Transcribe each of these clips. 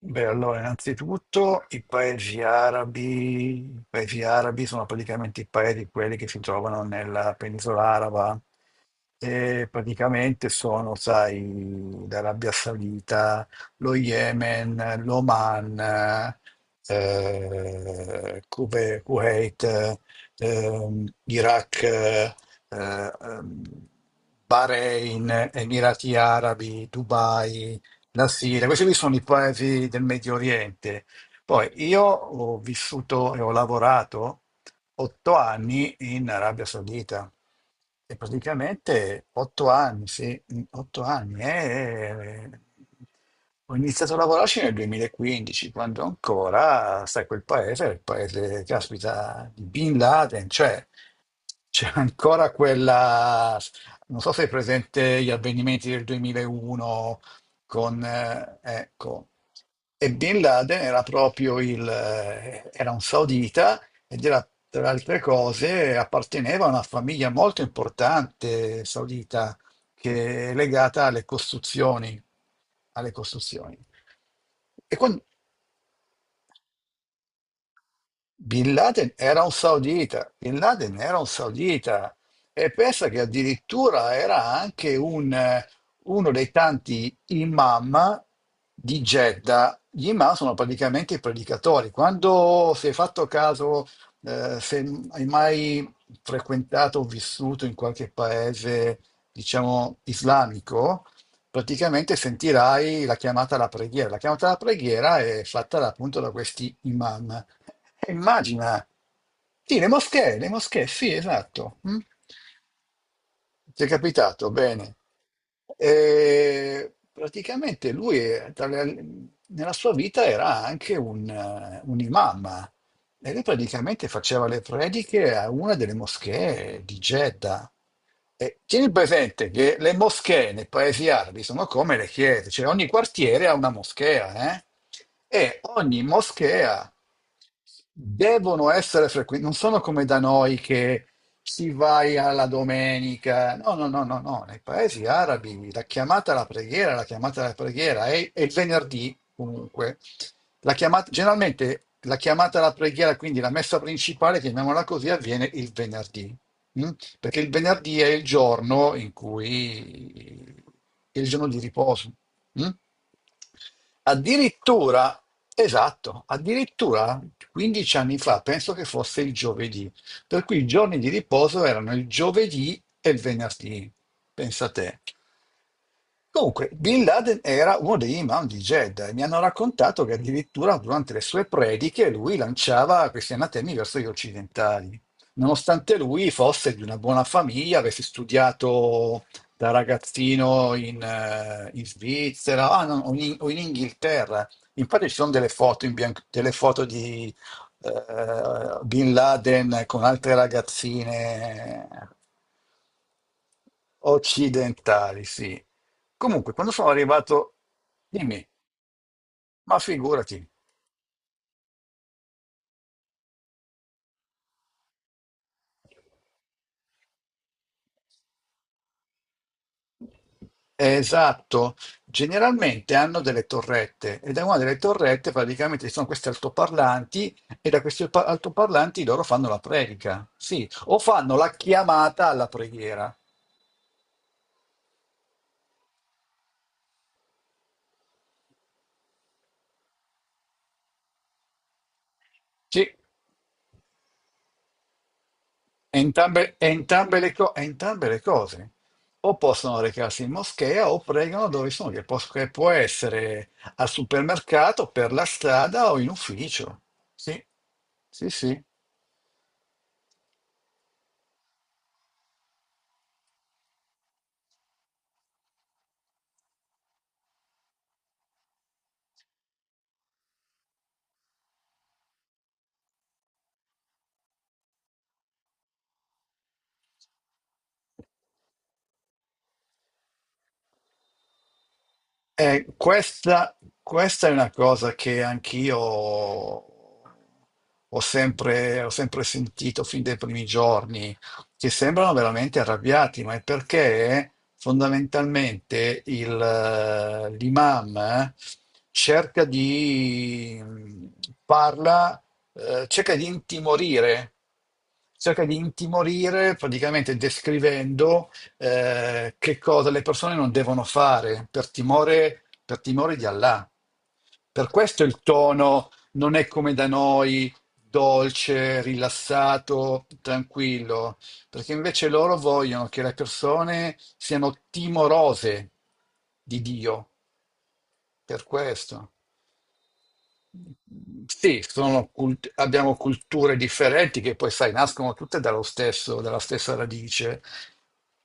Beh, allora, innanzitutto i paesi arabi sono praticamente i paesi quelli che si trovano nella penisola araba e praticamente sono, sai, l'Arabia Saudita, lo Yemen, l'Oman, Kuwait, Iraq, ehm, Bahrain, Emirati Arabi, Dubai. La Siria, questi qui sono i paesi del Medio Oriente. Poi io ho vissuto e ho lavorato 8 anni in Arabia Saudita e praticamente 8 anni, sì, 8 anni. Ho iniziato a lavorarci nel 2015, quando ancora, sai, quel paese era il paese, caspita, di Bin Laden, cioè c'è ancora quella, non so se è presente gli avvenimenti del 2001 con, ecco. E Bin Laden era proprio era un saudita ed era, tra altre cose, apparteneva a una famiglia molto importante saudita che è legata alle costruzioni, alle costruzioni. E quan- Bin Laden era un saudita, Bin Laden era un saudita e pensa che addirittura era anche uno dei tanti imam di Jeddah. Gli imam sono praticamente i predicatori. Quando si è fatto caso, se hai mai frequentato o vissuto in qualche paese, diciamo, islamico, praticamente sentirai la chiamata alla preghiera. La chiamata alla preghiera è fatta appunto da questi imam. E immagina, sì, le moschee, sì, esatto. Mm. Ti è capitato? Bene. E praticamente lui, nella sua vita, era anche un imam e lui praticamente faceva le prediche a una delle moschee di Jeddah. E tieni presente che le moschee nei paesi arabi sono come le chiese, cioè ogni quartiere ha una moschea, eh? E ogni moschea devono essere frequenti, non sono come da noi che si vai alla domenica. No, no, no, no, no. Nei paesi arabi la chiamata alla preghiera è il venerdì comunque. Generalmente la chiamata alla preghiera, quindi la messa principale, chiamiamola così, avviene il venerdì. Mm? Perché il venerdì è il giorno in cui è il giorno di riposo. Mm? Addirittura, esatto, addirittura 15 anni fa, penso che fosse il giovedì, per cui i giorni di riposo erano il giovedì e il venerdì, pensa te. Comunque, Bin Laden era uno degli imam di Jeddah e mi hanno raccontato che addirittura durante le sue prediche lui lanciava questi anatemi verso gli occidentali, nonostante lui fosse di una buona famiglia, avesse studiato da ragazzino in Svizzera, ah, no, o in Inghilterra. Infatti ci sono delle foto di Bin Laden con altre ragazzine occidentali, sì. Comunque, quando sono arrivato, dimmi, ma figurati, è esatto, generalmente hanno delle torrette e da una delle torrette praticamente ci sono questi altoparlanti e da questi altoparlanti loro fanno la predica, sì, o fanno la chiamata alla preghiera. Sì. È entrambe le cose, o possono recarsi in moschea o pregano dove sono, che può essere al supermercato, per la strada o in ufficio. Sì, sì, sì. Eh, questa, questa è una cosa che anch'io ho sempre, sentito fin dai primi giorni, che sembrano veramente arrabbiati, ma è perché fondamentalmente l'imam cerca di parla, eh, cerca di intimorire, cerca di intimorire praticamente descrivendo che cosa le persone non devono fare per timore di Allah. Per questo il tono non è come da noi, dolce, rilassato, tranquillo, perché invece loro vogliono che le persone siano timorose di Dio, per questo. Sì, abbiamo culture differenti che poi, sai, nascono tutte dalla stessa radice,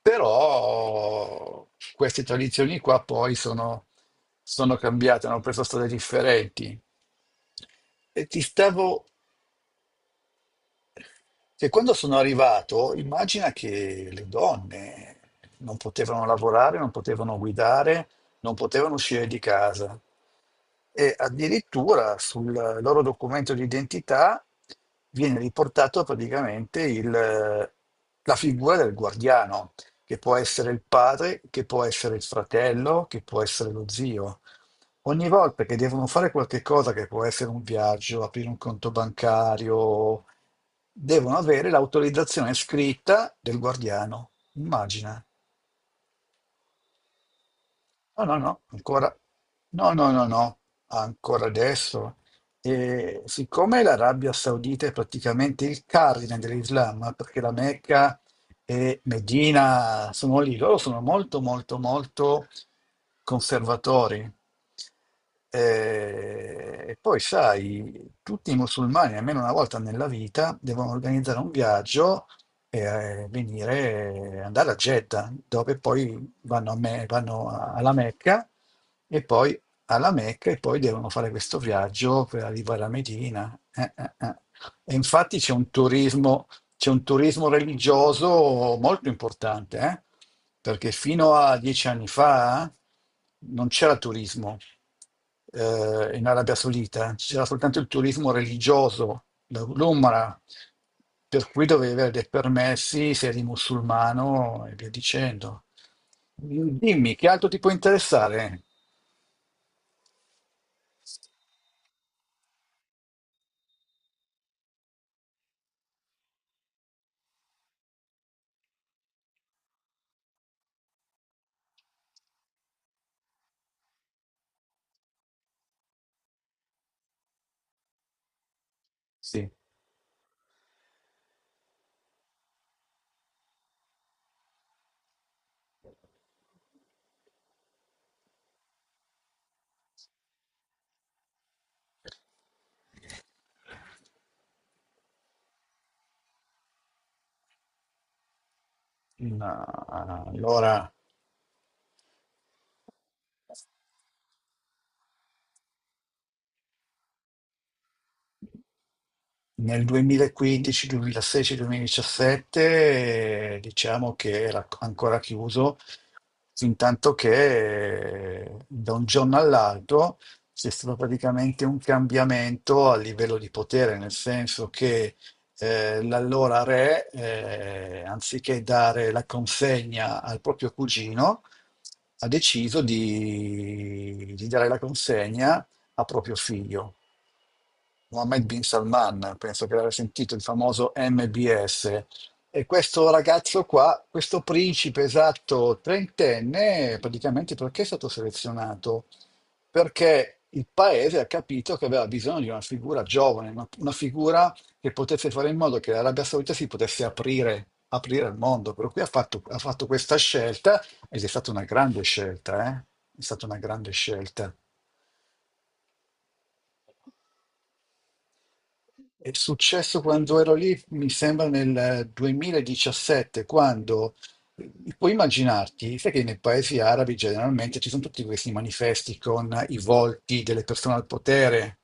però queste tradizioni qua poi sono cambiate, hanno preso strade differenti. E ti stavo Che Quando sono arrivato, immagina che le donne non potevano lavorare, non potevano guidare, non potevano uscire di casa. E addirittura sul loro documento di identità viene riportato praticamente la figura del guardiano, che può essere il padre, che può essere il fratello, che può essere lo zio. Ogni volta che devono fare qualche cosa, che può essere un viaggio, aprire un conto bancario, devono avere l'autorizzazione scritta del guardiano. Immagina. No, no, no, ancora. No, no, no, no, ancora adesso. E siccome l'Arabia Saudita è praticamente il cardine dell'Islam, perché la Mecca e Medina sono lì, loro sono molto, molto, molto conservatori. E poi, sai, tutti i musulmani, almeno una volta nella vita, devono organizzare un viaggio e venire, andare a Jeddah, dove poi vanno, a Me- vanno a- alla Mecca e poi devono fare questo viaggio per arrivare a Medina. E infatti c'è un turismo religioso molto importante, eh? Perché fino a 10 anni fa non c'era turismo in Arabia Saudita, c'era soltanto il turismo religioso, l'Umra, per cui dovevi avere dei permessi se eri musulmano e via dicendo. Dimmi, che altro ti può interessare? Sì, allora nel 2015, 2016, 2017, diciamo che era ancora chiuso. Intanto che da un giorno all'altro c'è stato praticamente un cambiamento a livello di potere, nel senso che l'allora re, anziché dare la consegna al proprio cugino, ha deciso di dare la consegna a proprio figlio. Mohammed bin Salman, penso che l'avrei sentito, il famoso MBS. E questo ragazzo qua, questo principe esatto trentenne, praticamente perché è stato selezionato? Perché il paese ha capito che aveva bisogno di una figura giovane, una figura che potesse fare in modo che l'Arabia Saudita si potesse aprire, aprire al mondo. Per cui ha fatto questa scelta ed è stata una grande scelta, eh? È stata una grande scelta. È successo quando ero lì, mi sembra nel 2017, quando eh, puoi immaginarti, sai che nei paesi arabi generalmente ci sono tutti questi manifesti con i volti delle persone al potere.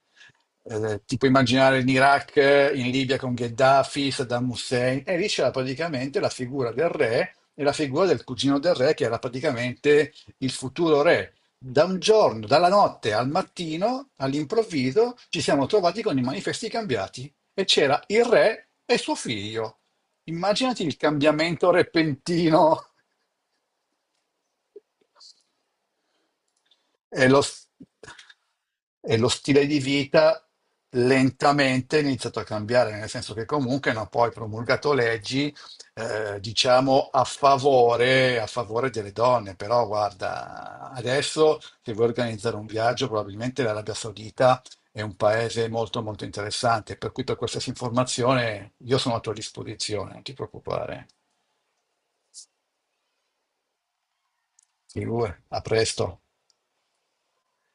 Ti puoi immaginare in Iraq, in Libia con Gheddafi, Saddam Hussein, e lì c'era praticamente la figura del re e la figura del cugino del re, che era praticamente il futuro re. Da un giorno, dalla notte al mattino, all'improvviso, ci siamo trovati con i manifesti cambiati e c'era il re e suo figlio. Immaginati il cambiamento repentino. E lo, s- e lo stile di vita lentamente è iniziato a cambiare, nel senso che comunque hanno poi promulgato leggi, diciamo, a favore delle donne. Però guarda, adesso se vuoi organizzare un viaggio, probabilmente l'Arabia Saudita è un paese molto molto interessante, per cui per qualsiasi informazione io sono a tua disposizione, non ti preoccupare. Figura, a presto.